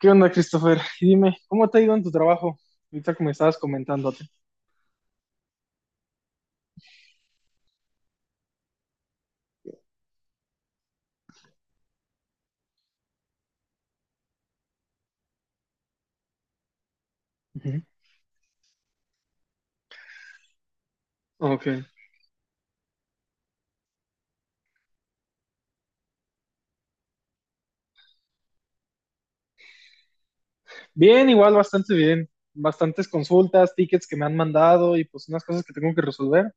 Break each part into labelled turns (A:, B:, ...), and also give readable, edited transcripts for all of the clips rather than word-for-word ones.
A: ¿Qué onda, Christopher? Dime, ¿cómo te ha ido en tu trabajo? Ahorita que me estabas comentándote. Ujú. Ok. Bien, igual, bastante bien. Bastantes consultas, tickets que me han mandado y pues unas cosas que tengo que resolver.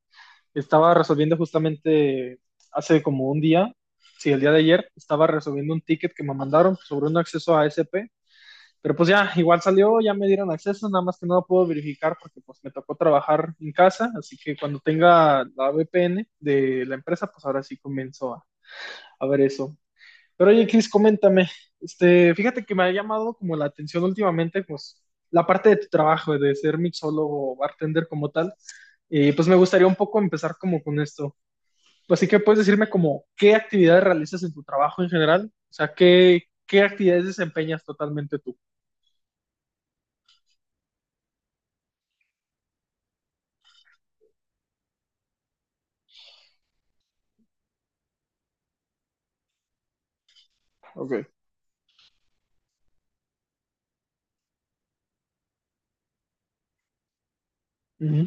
A: Estaba resolviendo justamente hace como un día, sí, el día de ayer, estaba resolviendo un ticket que me mandaron sobre un acceso a ASP. Pero pues ya, igual salió, ya me dieron acceso, nada más que no lo puedo verificar porque pues me tocó trabajar en casa, así que cuando tenga la VPN de la empresa, pues ahora sí comienzo a ver eso. Pero oye, Cris, coméntame, fíjate que me ha llamado como la atención últimamente, pues, la parte de tu trabajo, de ser mixólogo o bartender como tal, y pues me gustaría un poco empezar como con esto. Pues sí que puedes decirme como, ¿qué actividades realizas en tu trabajo en general? O sea, ¿qué actividades desempeñas totalmente tú? Ok. Ujú.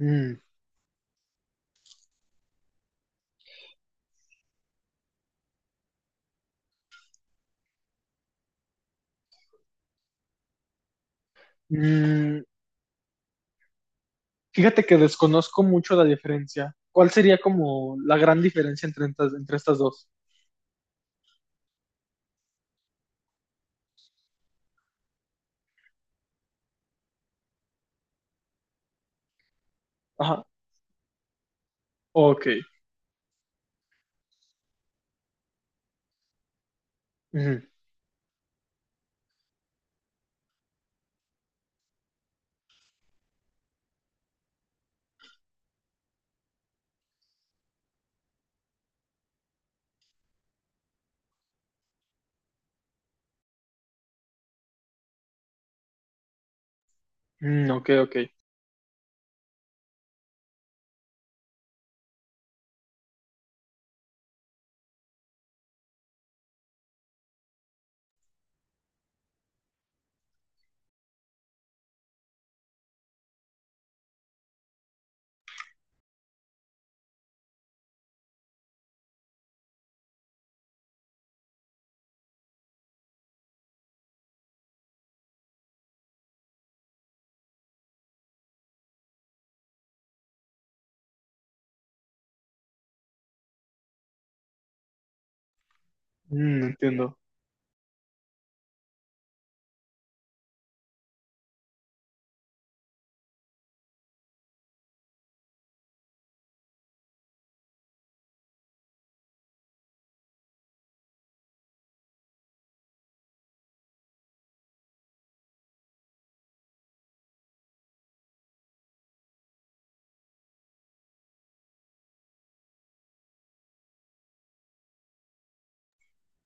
A: Mm, mm, fíjate que desconozco mucho la diferencia. ¿Cuál sería como la gran diferencia entre, entre estas dos? Ajá. Ok. Ujú. Mm, ok, ok. Mm, entiendo.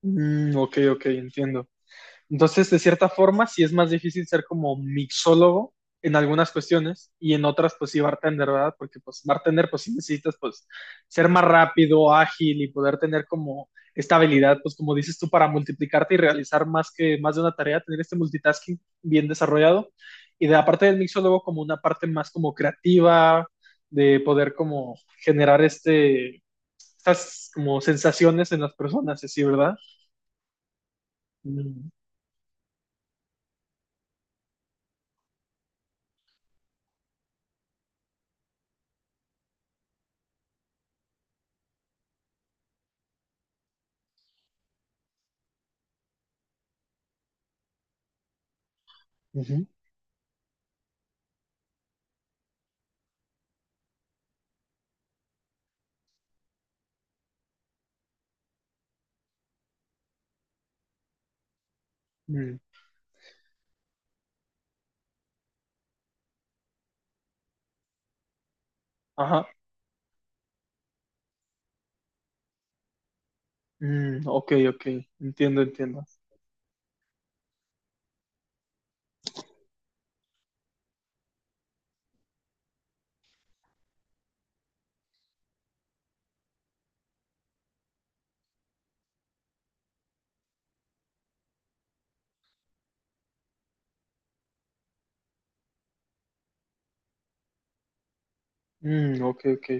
A: Mm, ok, ok, entiendo. Entonces, de cierta forma, sí es más difícil ser como mixólogo en algunas cuestiones y en otras, pues sí, bartender, ¿verdad? Porque pues bartender, pues sí necesitas, pues, ser más rápido, ágil y poder tener como esta habilidad, pues como dices tú, para multiplicarte y realizar más que más de una tarea, tener este multitasking bien desarrollado. Y de la parte del mixólogo como una parte más como creativa, de poder como generar estas como sensaciones en las personas, así, ¿verdad? Mm, ujú, mm, ajá. Mm, ok, ok. Entiendo, entiendo. Mm, ok, ok.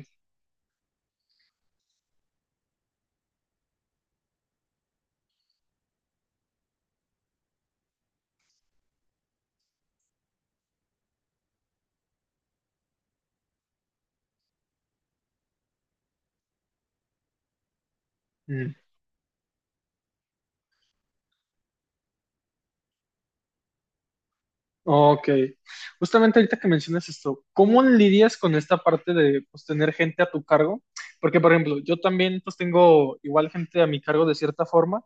A: Mm, ok. Justamente ahorita que mencionas esto, ¿cómo lidias con esta parte de pues, tener gente a tu cargo? Porque, por ejemplo, yo también pues tengo igual gente a mi cargo de cierta forma,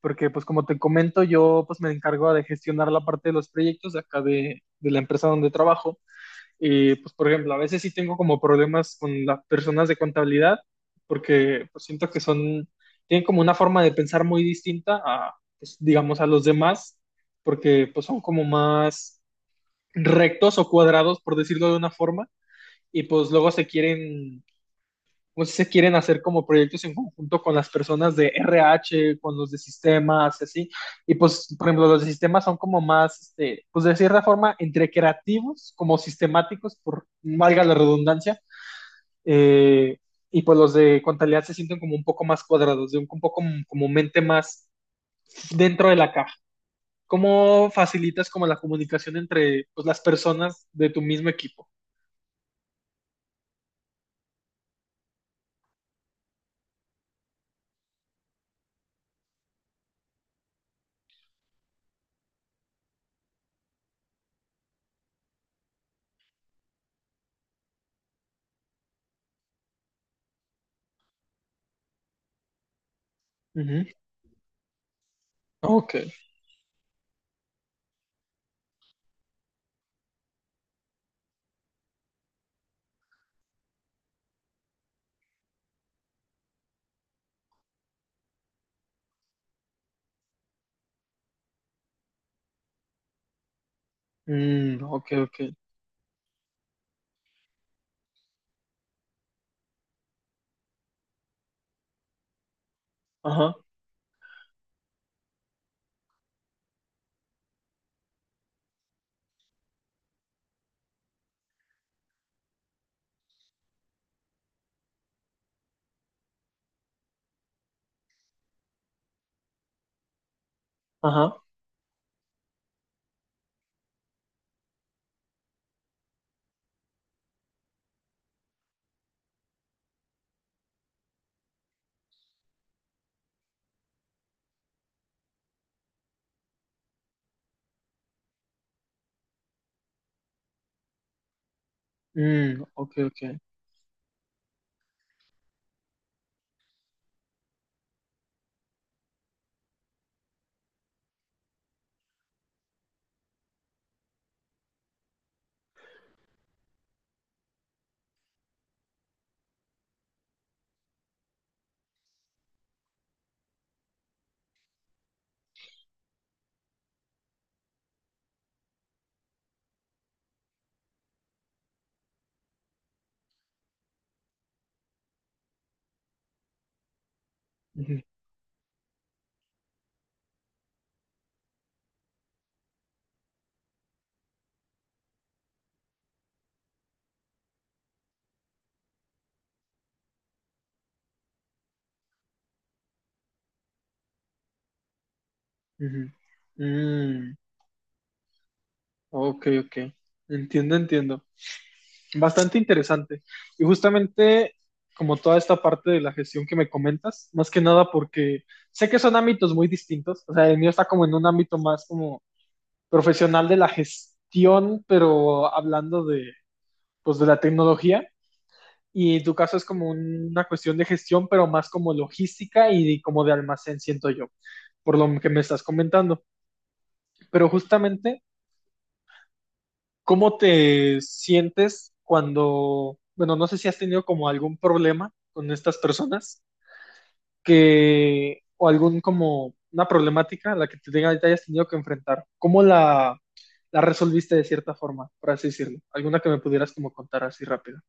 A: porque pues como te comento, yo pues me encargo de gestionar la parte de los proyectos de acá de la empresa donde trabajo. Y pues, por ejemplo, a veces sí tengo como problemas con las personas de contabilidad porque pues, siento que son, tienen como una forma de pensar muy distinta a, pues, digamos, a los demás, porque pues son como más rectos o cuadrados, por decirlo de una forma, y pues luego se quieren muchos se quieren hacer como proyectos en conjunto con las personas de RH, con los de sistemas, así. Y pues, por ejemplo, los de sistemas son como más, pues de cierta forma, entre creativos, como sistemáticos, por valga la redundancia. Eh, y pues los de contabilidad se sienten como un poco más cuadrados, de un poco como, como mente más dentro de la caja. ¿Cómo facilitas como la comunicación entre pues, las personas de tu mismo equipo? Ujú. Ok. Mm, ok, ok. Ajá, ajá. Mm, ok, ok. Ujú, ujú. Mm, ok, ok. Entiendo, entiendo. Bastante interesante. Y justamente como toda esta parte de la gestión que me comentas, más que nada porque sé que son ámbitos muy distintos. O sea, el mío está como en un ámbito más como profesional de la gestión, pero hablando de, pues, de la tecnología. Y en tu caso es como una cuestión de gestión, pero más como logística y como de almacén, siento yo, por lo que me estás comentando. Pero justamente, ¿cómo te sientes cuando, bueno, no sé si has tenido como algún problema con estas personas que, o algún como una problemática a la que te, te hayas tenido que enfrentar? ¿Cómo la, la resolviste de cierta forma, por así decirlo? ¿Alguna que me pudieras como contar así rápido?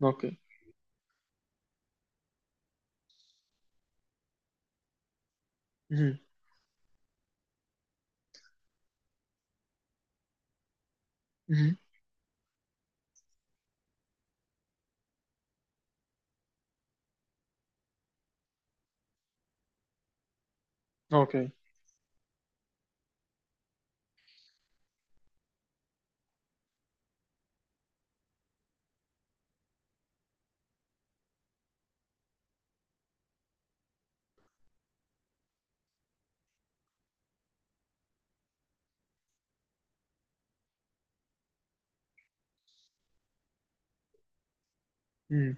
A: Ok. Ujú, ujú. Ok. Mm,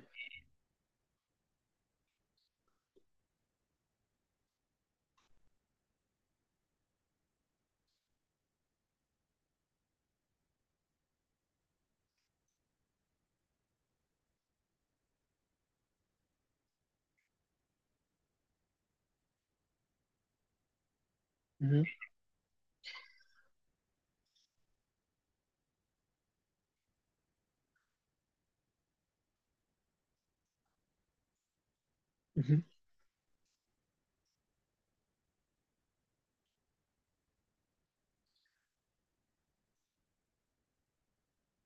A: ujú, ujú.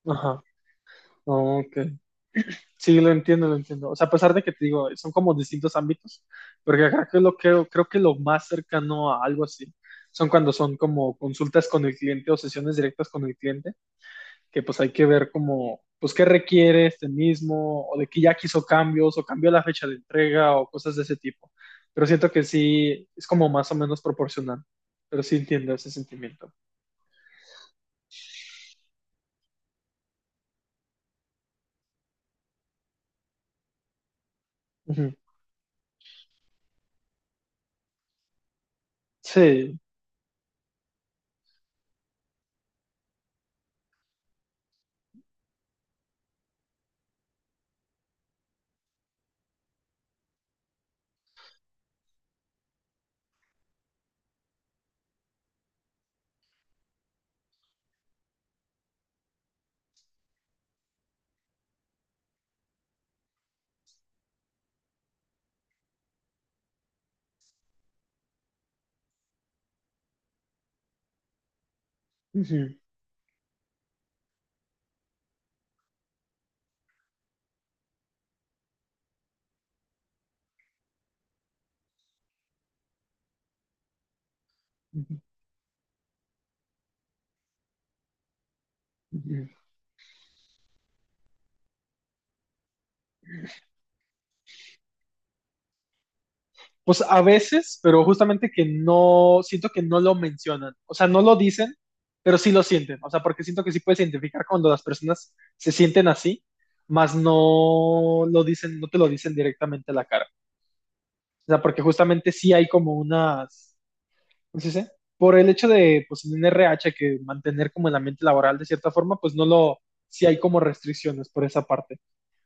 A: Ajá. Ok. Sí, lo entiendo, lo entiendo. O sea, a pesar de que te digo, son como distintos ámbitos, porque creo que lo que creo que lo más cercano a algo así son cuando son como consultas con el cliente o sesiones directas con el cliente, que pues hay que ver como, pues qué requiere este mismo, o de que ya quiso cambios, o cambió la fecha de entrega, o cosas de ese tipo. Pero siento que sí, es como más o menos proporcional, pero sí entiendo ese sentimiento. Ujú. Sí. Ujú. Ujú. Ujú. Pues a veces, pero justamente que no, siento que no lo mencionan, o sea, no lo dicen, pero sí lo sienten, o sea, porque siento que sí puedes identificar cuando las personas se sienten así, más no lo dicen, no te lo dicen directamente a la cara, o sea, porque justamente sí hay como unas, ¿cómo se dice? Por el hecho de, pues en un RH que mantener como el ambiente laboral de cierta forma, pues no lo, sí hay como restricciones por esa parte,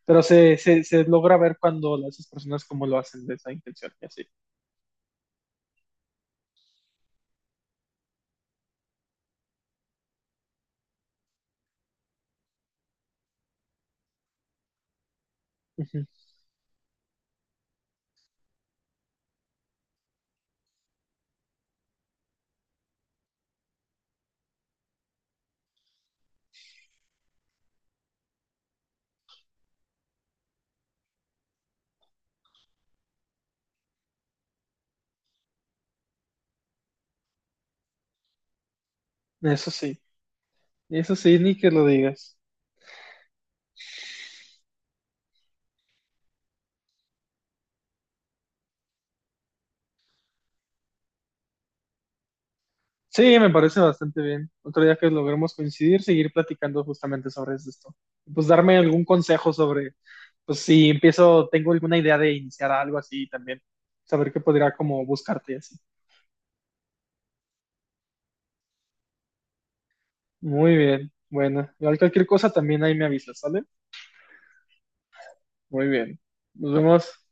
A: pero se logra ver cuando las personas como lo hacen de esa intención y así. Ujú. Eso sí. Eso sí, ni que lo digas. Sí, me parece bastante bien. Otro día que logremos coincidir, seguir platicando justamente sobre esto. Pues darme algún consejo sobre, pues si empiezo, tengo alguna idea de iniciar algo así también, saber qué podría como buscarte y así. Muy bien, bueno, igual cualquier cosa también ahí me avisas, ¿sale? Muy bien, nos vemos.